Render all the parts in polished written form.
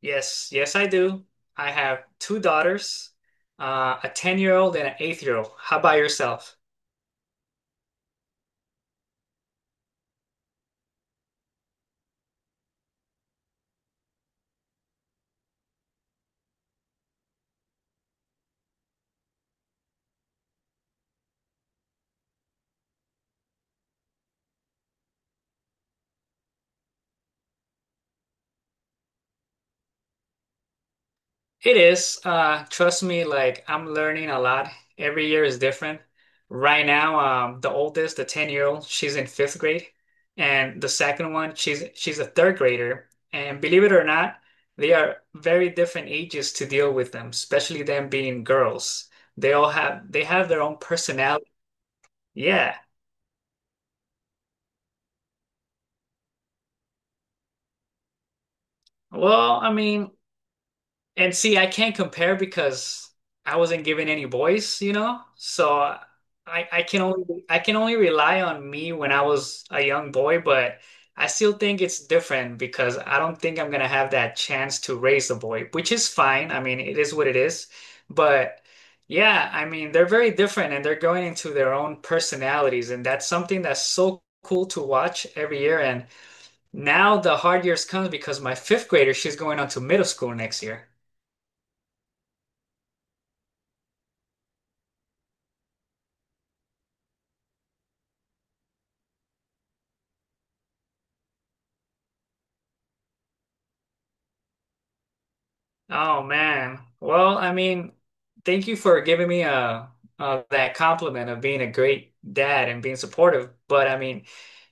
Yes, yes, I do. I have two daughters, a 10-year-old and an 8-year-old. How about yourself? It is. Trust me, like I'm learning a lot. Every year is different. Right now, the oldest, the 10-year-old, she's in fifth grade, and the second one, she's a third grader. And believe it or not, they are very different ages to deal with them, especially them being girls. They have their own personality. Yeah. Well, I mean, and see, I can't compare because I wasn't given any boys, you know? So I can only rely on me when I was a young boy, but I still think it's different because I don't think I'm gonna have that chance to raise a boy, which is fine. I mean, it is what it is. But yeah, I mean, they're very different and they're going into their own personalities, and that's something that's so cool to watch every year. And now the hard years comes because my fifth grader, she's going on to middle school next year. Oh man. Well, I mean, thank you for giving me that compliment of being a great dad and being supportive. But I mean,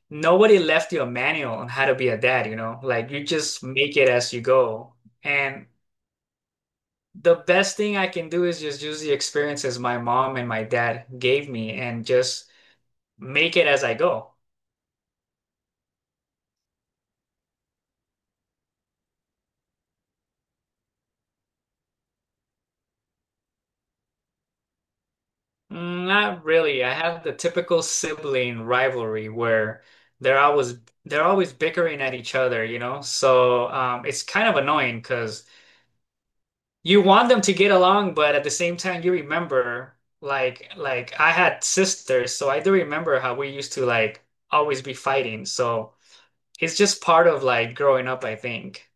nobody left you a manual on how to be a dad, you know? Like you just make it as you go. And the best thing I can do is just use the experiences my mom and my dad gave me and just make it as I go. Mm, not really. I have the typical sibling rivalry where they're always they're always bickering at each other, you know? So it's kind of annoying because you want them to get along, but at the same time, you remember like I had sisters, so I do remember how we used to like always be fighting. So it's just part of like growing up, I think.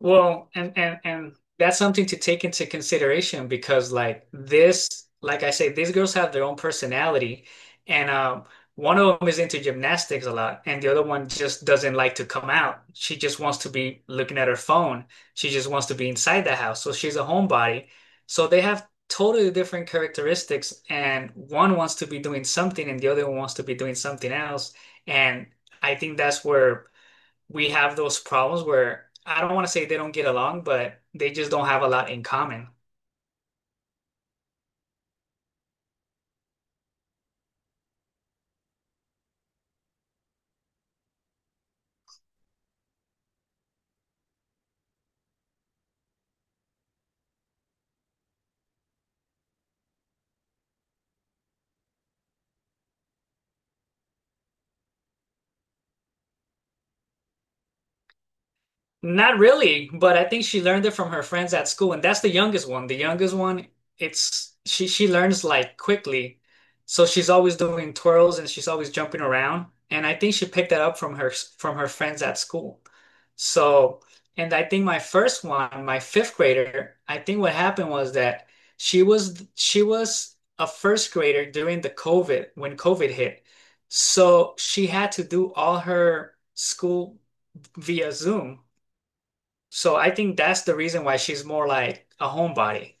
Well, and that's something to take into consideration because like this, like I say, these girls have their own personality, and one of them is into gymnastics a lot, and the other one just doesn't like to come out. She just wants to be looking at her phone. She just wants to be inside the house. So she's a homebody. So they have totally different characteristics, and one wants to be doing something, and the other one wants to be doing something else. And I think that's where we have those problems where I don't want to say they don't get along, but they just don't have a lot in common. Not really, but I think she learned it from her friends at school, and that's the youngest one. The youngest one, it's she learns like quickly. So she's always doing twirls and she's always jumping around, and I think she picked that up from her friends at school. So, and I think my first one, my fifth grader, I think what happened was that she was a first grader during the COVID when COVID hit. So she had to do all her school via Zoom. So I think that's the reason why she's more like a homebody.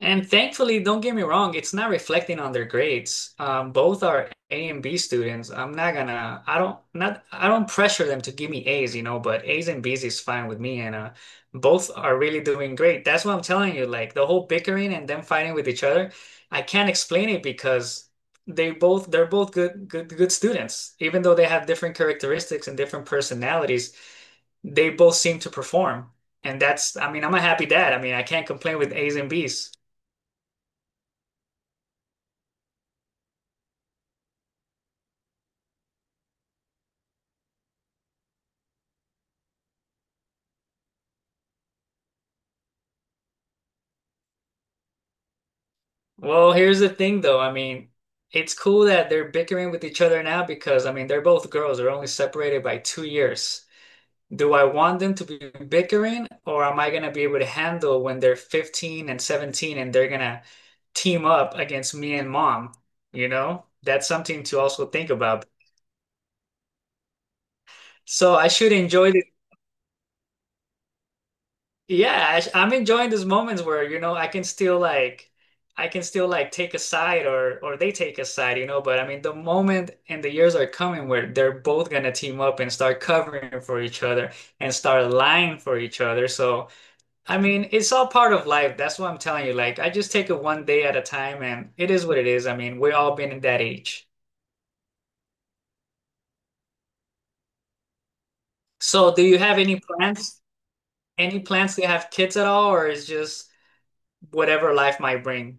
And thankfully, don't get me wrong, it's not reflecting on their grades. Both are A and B students. I'm not gonna, I don't, not, I don't pressure them to give me A's, you know, but A's and B's is fine with me. And both are really doing great. That's what I'm telling you. Like the whole bickering and them fighting with each other, I can't explain it because they're both good students. Even though they have different characteristics and different personalities, they both seem to perform. And that's, I mean, I'm a happy dad. I mean, I can't complain with A's and B's. Well, here's the thing though. I mean, it's cool that they're bickering with each other now because I mean, they're both girls. They're only separated by 2 years. Do I want them to be bickering or am I going to be able to handle when they're 15 and 17 and they're going to team up against me and mom? You know, that's something to also think about. So I should enjoy this. Yeah, I'm enjoying these moments where, you know, I can still like take a side, or they take a side, you know, but I mean the moment and the years are coming where they're both gonna team up and start covering for each other and start lying for each other. So, I mean, it's all part of life. That's what I'm telling you. Like, I just take it one day at a time and it is what it is. I mean, we've all been in that age. So, do you have any plans? Any plans to have kids at all, or is just whatever life might bring?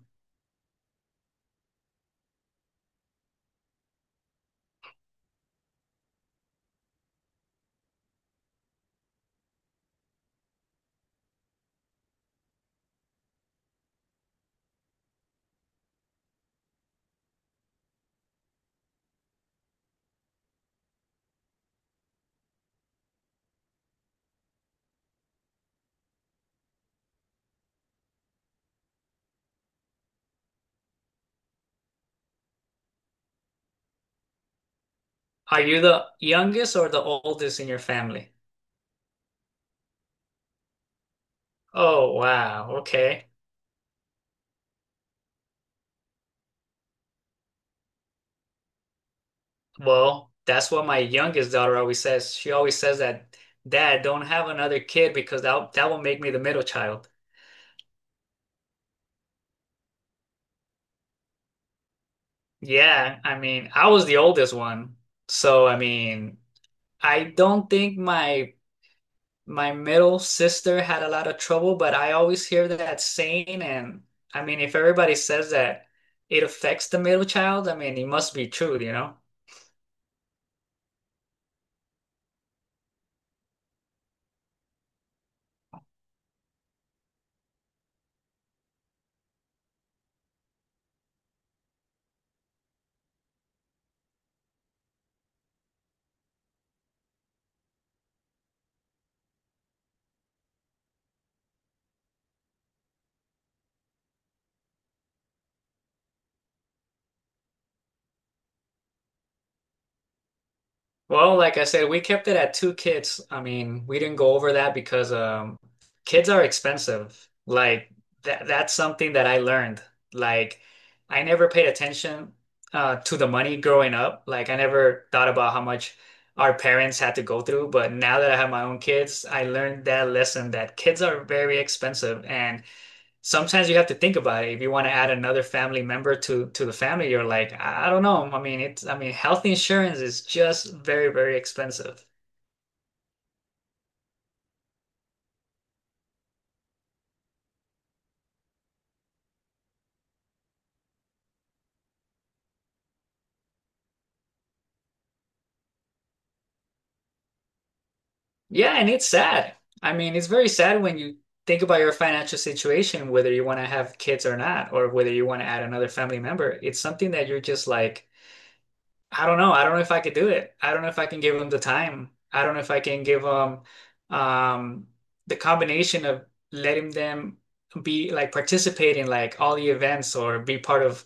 Are you the youngest or the oldest in your family? Oh, wow. Okay. Well, that's what my youngest daughter always says. She always says that, Dad, don't have another kid because that will make me the middle child. Yeah, I mean, I was the oldest one. So, I mean, I don't think my middle sister had a lot of trouble, but I always hear that saying. And I mean, if everybody says that it affects the middle child, I mean, it must be true, you know? Well, like I said, we kept it at two kids. I mean, we didn't go over that because kids are expensive. Like that's something that I learned. Like I never paid attention to the money growing up. Like I never thought about how much our parents had to go through, but now that I have my own kids, I learned that lesson that kids are very expensive and sometimes you have to think about it. If you want to add another family member to the family, you're like, I don't know. I mean, it's I mean, health insurance is just very, very expensive. Yeah, and it's sad. I mean, it's very sad when you think about your financial situation, whether you want to have kids or not, or whether you want to add another family member. It's something that you're just like, I don't know. I don't know if I could do it. I don't know if I can give them the time. I don't know if I can give them um, the combination of letting them be like participate in like all the events or be part of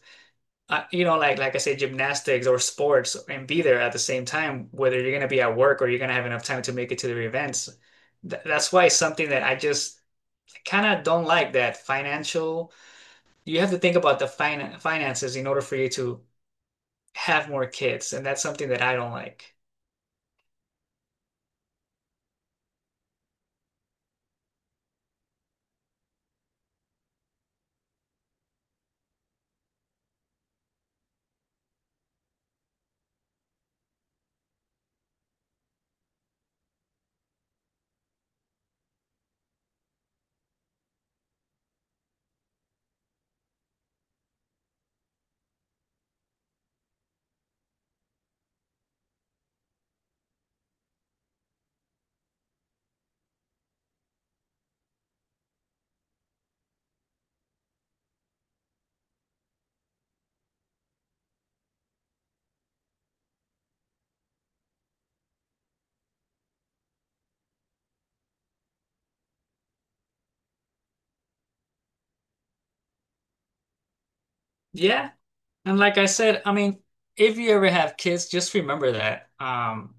you know, like I say gymnastics or sports and be there at the same time, whether you're gonna be at work or you're gonna have enough time to make it to the events. Th That's why it's something that I just kind of don't like that financial. You have to think about the finances in order for you to have more kids, and that's something that I don't like. Yeah. And like I said, I mean, if you ever have kids, just remember that.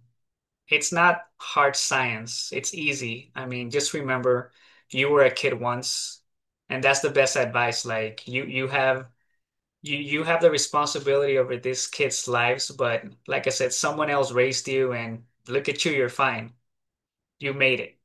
It's not hard science. It's easy. I mean, just remember you were a kid once, and that's the best advice. Like you you have the responsibility over this kid's lives, but like I said, someone else raised you and look at you, you're fine. You made it.